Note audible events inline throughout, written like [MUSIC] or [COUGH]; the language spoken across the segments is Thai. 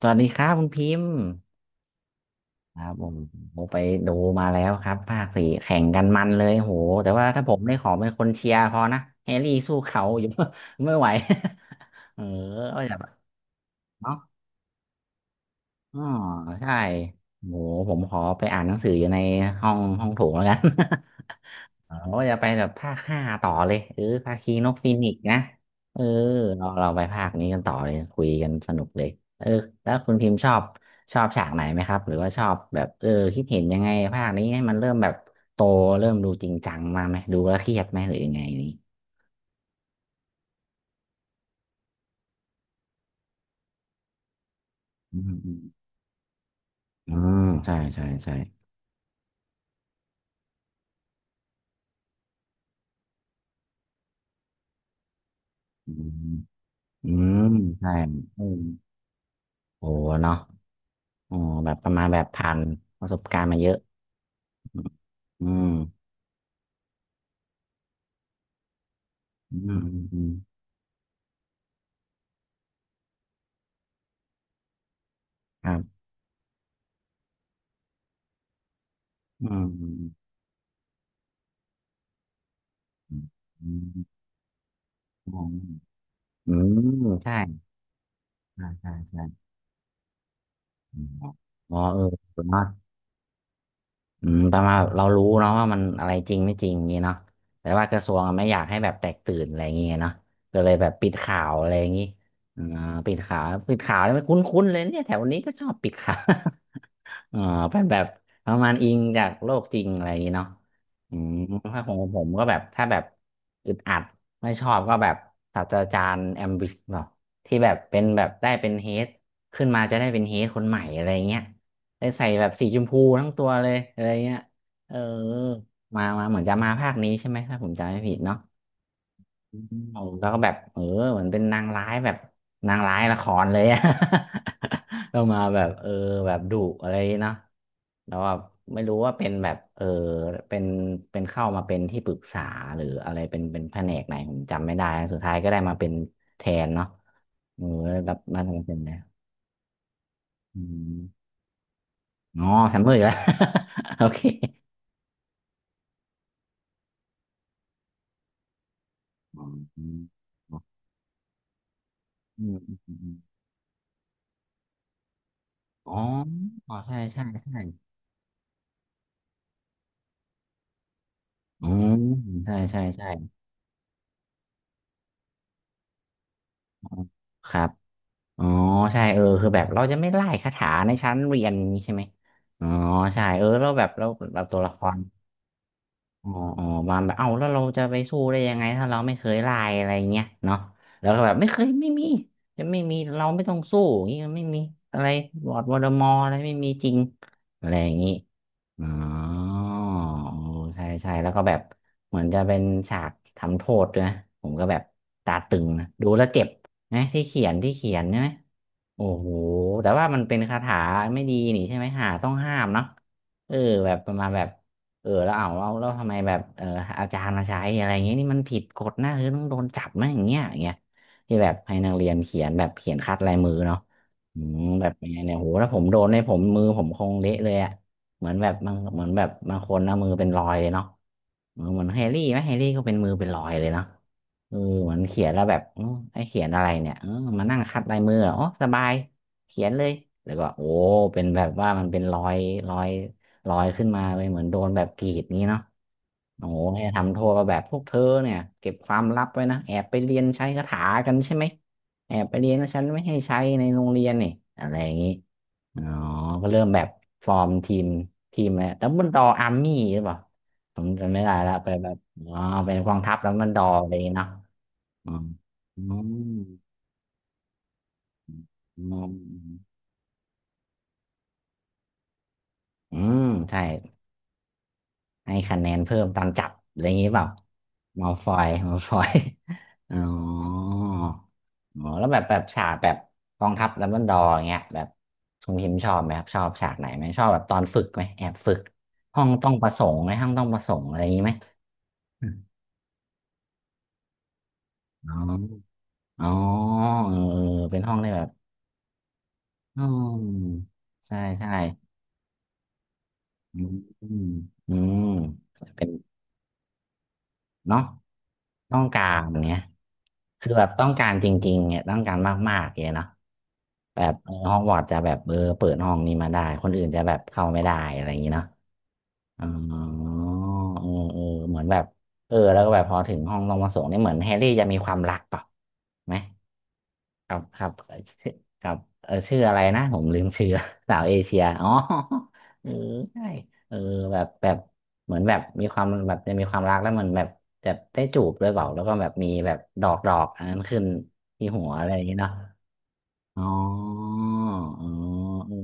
สวัสดีครับคุณพิมพ์ครับผมผมไปดูมาแล้วครับภาคสี่แข่งกันมันเลยโหแต่ว่าถ้าผมได้ขอเป็นคนเชียร์พอนะแฮร์รี่สู้เขาอยู่ [LAUGHS] ไม่ไหว [LAUGHS] เออก็แบบเนาะอ๋อใช่โหผมขอไปอ่านหนังสืออยู่ในห้องโถงแล้วกัน [LAUGHS] อ๋อาจะไปแบบภาคห้าต่อเลยเออภาคีนกฟีนิกซ์นะเออเราไปภาคนี้กันต่อเลยคุยกันสนุกเลยเออแล้วคุณพิมพ์ชอบชอบฉากไหนไหมครับหรือว่าชอบแบบเออคิดเห็นยังไงภาคนี้ให้มันเริ่มแบบโตเริ่มดูจริงจังมาไหมดูแล้วเครียดไหมหรือยังไงนี่อืมอืมอืมใช่ใช่ใช่อืมอืมใช่อืมโอ้เนาะอ๋อแบบประมาณแบบผ่านประสบการณ์มาเยอะ อืมอืมอืมอืมครับอืม อืมมองอืมใช่ใช่ใช่ใช่อืมอ๋อเออเนาะอืมประมาณเรารู้เนาะว่ามันอะไรจริงไม่จริงอย่างนี้เนาะแต่ว่ากระทรวงอะไม่อยากให้แบบแตกตื่นอะไรอย่างเงี้ยเนาะก็เลยแบบปิดข่าวอะไรอย่างงี้อ่าปิดข่าวปิดข่าวนี่มันคุ้นๆเลยเนี่ยแถวนี้ก็ชอบปิดข่าว อ๋อเป็นแบบประมาณอิงจากโลกจริงอะไรอย่างนี้เนาะอืมถ้าของผมก็แบบถ้าแบบอึดอัดไม่ชอบก็แบบศาสตราจารย์แอมบิชเนาะที่แบบเป็นแบบได้เป็นเฮดขึ้นมาจะได้เป็นเฮดคนใหม่อะไรเงี้ยได้ใส่แบบสีชมพูทั้งตัวเลยอะไรเงี้ยเออมามาเหมือนจะมาภาคนี้ใช่ไหมถ้าผมจำไม่ผิดเนาะ เอาแล้วก็แบบเออเหมือนเป็นนางร้ายแบบนางร้ายละครเลยอะ [LAUGHS] ก็มาแบบเออแบบดุอะไรเนาะแล้วแบบไม่รู้ว่าเป็นแบบเออเป็นเข้ามาเป็นที่ปรึกษาหรืออะไรเป็นแผนกไหนผมจำไม่ได้สุดท้ายก็ได้มาเป็นแทนเนาะเออรับมาทำเป็นนะอืมอ๋อแซมเมอร์อีกแล้ว [LAUGHS] โอเคอ๋ออืมอืมอืมอืมอ๋ออ๋อใช่ใช่ใช่อืมใช่ใช่ใช่ ครับ อ๋อ ใช่ เออ คือแบบเราจะไม่ไล่คาถาในชั้นเรียนนี้ใช่ไหมอ๋อ ใช่ เออ เราแบบเราแบบตัวละคร อ๋ออ๋อมาแบบเอ้าแล้วเราจะไปสู้ได้ยังไงถ้าเราไม่เคยไล่อะไรเงี้ยเนาะแล้วก็แบบไม่เคยไม่มีจะไม่มีเราไม่ต้องสู้อย่างงี้ไม่มีอะไรลอร์ดวอลเดอมอร์อะไรไม่มีจริงอะไรอย่างงี้อ๋อใช่ใช่แล้วก็แบบเหมือนจะเป็นฉากทำโทษด้วยนะผมก็แบบตาตึงนะดูแล้วเจ็บนะที่เขียนที่เขียนใช่ไหมโอ้โหแต่ว่ามันเป็นคาถาไม่ดีนี่ใช่ไหมหาต้องห้ามเนาะเออแบบประมาณแบบ เออแล้วเอาแล้วแล้วทำไมแบบเอออาจารย์มาใช้อะไรอย่างเงี้ยนี่มันผิดกฎนะคือต้องโดนจับนะอย่างเงี้ยอย่างเงี้ยที่แบบให้นักเรียนเขียนแบบเขียนคัดลายมือเนาะอืมแบบยังไงเนี่ยโหถ้าผมโดนเนี่ยผมมือผมคงเละเลยอะเหมือนแบบบางเหมือนแบบบางคนนะมือเป็นรอยเลยเนาะเออเหมือนแฮร์รี่ไหมแฮร์รี่ก็เป็นมือเป็นรอยเลยเนาะเออเหมือนเขียนแล้วแบบเออไอ้เขียนอะไรเนี่ยเออมานั่งคัดลายมือเหรออ๋อสบายเขียนเลยแล้วก็โอ้เป็นแบบว่ามันเป็นรอยรอย ลอยขึ้นมาเลยเหมือนโดนแบบกรีดนี้เนาะโอ้โหให้ทำโทษว่าแบบพวกเธอเนี่ยเก็บความลับไว้นะแอบไปเรียนใช้คาถากันใช่ไหมแอบไปเรียนนะฉันไม่ให้ใช้ในโรงเรียนนี่อะไรอย่างนี้อ๋อก็เริ่มแบบฟอร์มทีมแล้วดับเบิลดออาร์มี่หรือเปล่าผมจำไม่ได้ละไปแบบอ๋อเป็นกองทัพดับเบิลดออะไรอย่างนี้เนาะอ๋ออืมอืมอืมใช่ ให้คะแนนเพิ่มตามจับอะไรอย่างนี้เปล่ามัลฟอยมัลฟอย [LAUGHS] อ๋ออ๋อแล้วแบบแบบฉากแบบกองทัพดัมเบิลดอร์อย่างเงี้ยแบบทรงพิมพ์ชอบไหมครับชอบฉากไหนไหมชอบแบบตอนฝึกไหมแอบฝึกห้องต้องประสงค์ไหมห้องต้องประสงค์อะไรอย่างนี้ไหมอมอ๋ออ๋อเออเออเป็นห้องได้แบบอืมใช่ใช่อืมอืมเป็น เนาะต้องการอย่างเงี้ยคือแบบต้องการจริงๆเนี่ยต้องการมากๆเงี้ยเนาะแบบฮอกวอตส์จะแบบเปิดห้องนี้มาได้คนอื่นจะแบบเข้าไม่ได้อะไรอย่างเงี้ยเนาะอ๋อเออเออเหมือนแบบแล้วก็แบบพอถึงห้องลงมาส่งนี่เหมือนแฮร์รี่จะมีความรักเปล่าไหม ครับครับ [LAUGHS] ชื่อครับเออชื่ออะไรนะผมลืมชื่อ [LAUGHS] สาวเอเชียอ๋อ [LAUGHS] เออใช่เออแบบเหมือนแบบมีความแบบจะมีความรักแล้วเหมือนแบบจะได้จูบด้วยเปล่าแล้วก็แบบมีแบบดอกอันนั้นขึ้นที่หัวอะไรอย่างเงี้เนาะอ๋ออ๋อเออ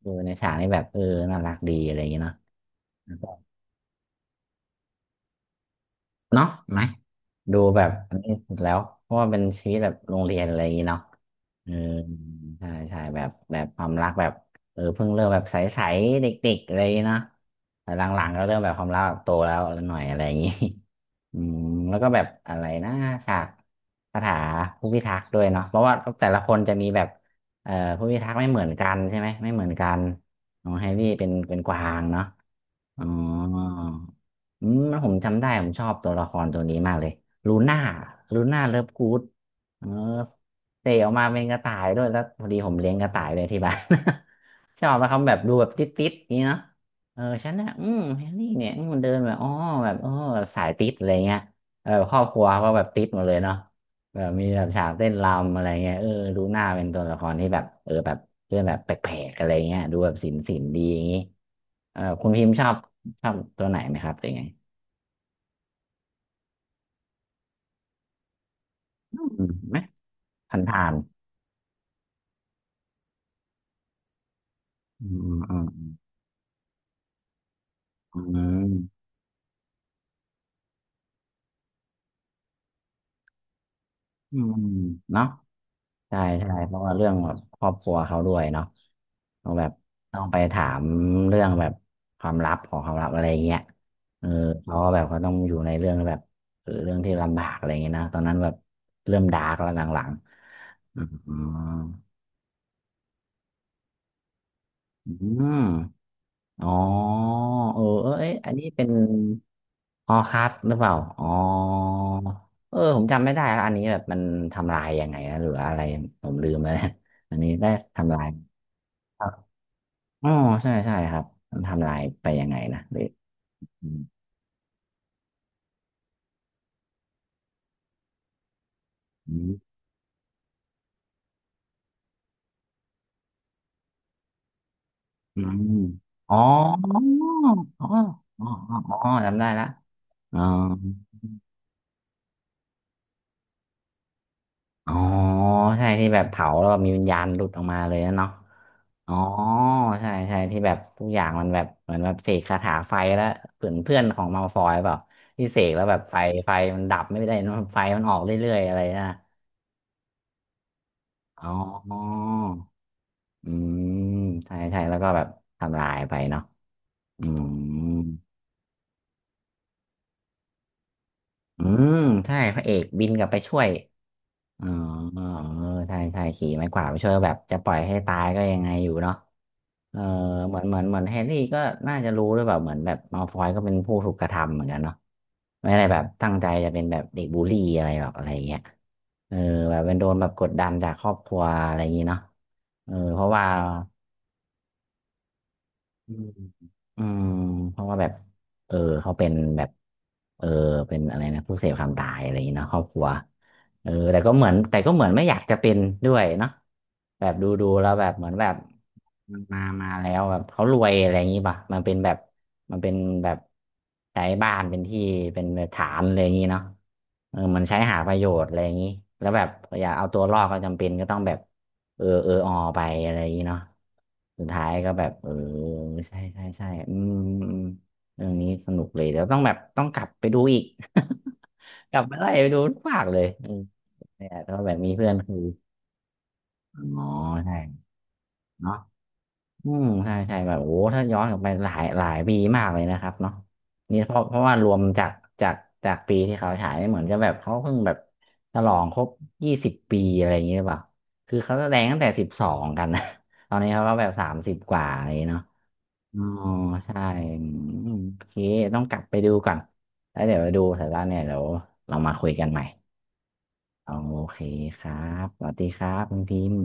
เออในฉากนี้แบบน่ารักดีอะไรอย่างเงี้เนาะ เนาะไหมดูแบบอันนี้สุดแล้วเพราะว่าเป็นชีวิตแบบโรงเรียนอะไรอย่างงี้เนาะเออใช่ใช่แบบความรักแบบเพิ่งเริ่มแบบใสๆเด็กๆอะไรอย่างงี้เนาะแต่หลังๆก็เริ่มแบบความรักแบบโตแล้วหน่อยอะไรอย่างงี้ [LAUGHS] อืมแล้วก็แบบอะไรนะฉากคาถาผู้พิทักษ์ด้วยเนาะเพราะว่าแต่ละคนจะมีแบบเอ่อผู้พิทักษ์ไม่เหมือนกันใช่ไหมไม่เหมือนกันของแฮร์รี่เป็นกวางเนาะ อ๋ออืมผมจำได้ผมชอบตัวละครตัวนี้มากเลยลูน่าลูน่าเลิฟกู๊ดเออเตะออกมาเป็นกระต่ายด้วยแล้วพอดีผมเลี้ยงกระต่ายเลยที่บ้าน [LAUGHS] ชอบนะครับแบบดูแบบติดนี่เนาะเออฉันนะอืมแฮร์รี่เนี่ยมันเดินแบบอ๋อแบบสายติดอะไรเงี้ยเออครอบครัวก็แบบติดหมดเลยเนาะ แบบมีแบบฉากเต้นรำอะไรเงี้ยเออดูหน้าเป็นตัวละครที่แบบแบบเรื่องแบบแปลกๆอะไรเงี้ยดูแบบศิลป์ดีอย่างงี้เออคุณพิมพ์ชอบตัวไหนไหมครับหรือไงอืมไหมผ่านอืมอืมอืมอืมอืมเนาะ ใช่ใช่เพราะว่าเรื่องแบบครอบครัวเขาด้วยเนาะต้องแบบต้องไปถามเรื่องแบบความลับของความลับอะไรอย่างเงี้ยเออเขาก็แบบเขาต้องอยู่ในเรื่องแบบเรื่องที่ลำบากอะไรอย่างเงี้ยนะตอนนั้นแบบเริ่มดาร์กแล้วหลังๆอืมอืมอ๋อเออเออเอ้ยอันนี้เป็นฮอคัสหรือเปล่าอ๋อเออผมจำไม่ได้แล้วอันนี้แบบมันทำลายยังไงนะหรืออะไรผมลืมแล้วเนี่ยอันนี้ได้ทำลาย อ๋อใช่ใช่ครับมันทำลายไปยังไงนะหรืออืมอืมอืมอ๋ออ๋ออ๋ออ๋ออ๋อจำได้ละอ๋ออ๋อใช่ที่แบบเผาแล้วมีวิญญาณหลุดออกมาเลยนะเนาะอ๋อใช่ใช่ที่แบบทุกอย่างมันแบบเหมือนแบบเสกคาถาไฟแล้วเพื่อนเพื่อนของมัลฟอยเปล่าที่เสกแล้วแบบไฟไฟมันดับไม่ได้นะไฟมันออกเรื่อยๆอะไรนะอ๋ออืมใช่ใช่แล้วก็แบบทำลายไปเนาะ อืมอืมใช่พระเอกบินกลับไปช่วยอ๋อเออใช่ใช่ขี่ไม้กวาดไปช่วยแบบจะปล่อยให้ตายก็ยังไงอยู่เนาะเออเหมือนแฮร์รี่ก็น่าจะรู้ด้วยแบบเหมือนแบบมัลฟอยก็เป็นผู้ถูกกระทำเหมือนกันเนาะไม่ได้แบบตั้งใจจะเป็นแบบเด็กบูลลี่อะไรหรอกอะไรอย่างเงี้ยเออแบบเป็นโดนแบบกดดันจากครอบครัวอะไรอย่างงี้เนาะเออเพราะว่า อืมอืมเพราะว่าแบบเออเขาเป็นแบบเออเป็นอะไรนะผู้เสพความตายอะไรอย่างนี้เนาะครอบครัวแต่ก็เหมือนไม่อยากจะเป็นด้วยเนาะแบบดูแล้วแบบเหมือนแบบมาแล้วแบบเขารวยอะไรอย่างนี้ป่ะมันเป็นแบบมันเป็นแบบใช้บ้านเป็นที่เป็นฐานอะไรอย่างนี้เนาะเออมันใช้หาประโยชน์อะไรอย่างนี้แล้วแบบอยากเอาตัวรอดก็จำเป็นก็ต้องแบบ เออเออออไปอะไรอย่างนี้เนาะสุดท้ายก็แบบใช่ใช่ใช่อืมอืมเรื่องนี้สนุกเลยเดี๋ยวต้องแบบต้องกลับไปดูอีก [LAUGHS] กลับไปไล่ไปดูทุกภาคเลยอืมเนี่ยถ้าแบบมีเพื่อนคืออ๋อใช่เนาะ อืมใช่ใช่แบบโอ้ถ้าย้อนกลับไปหลายหลายปีมากเลยนะครับเนาะนี่เพราะว่ารวมจากจากจากปีที่เขาฉายเหมือนจะแบบเขาเพิ่งแบบฉลองครบ20 ปีอะไรอย่างเงี้ยหรือเปล่าคือเขาแสดงตั้งแต่12กันนะ [LAUGHS] ตอนนี้เขาก็แบบ30กว่าอะไรอย่างเงี้ยเนาะอ๋อใช่อืมโอเคต้องกลับไปดูก่อนแล้วเดี๋ยวไปดูเสร็จแล้วเนี่ยเดี๋ยวเรามาคุยกันใหม่โอเคครับสวัสดีครับคุณพิมพ์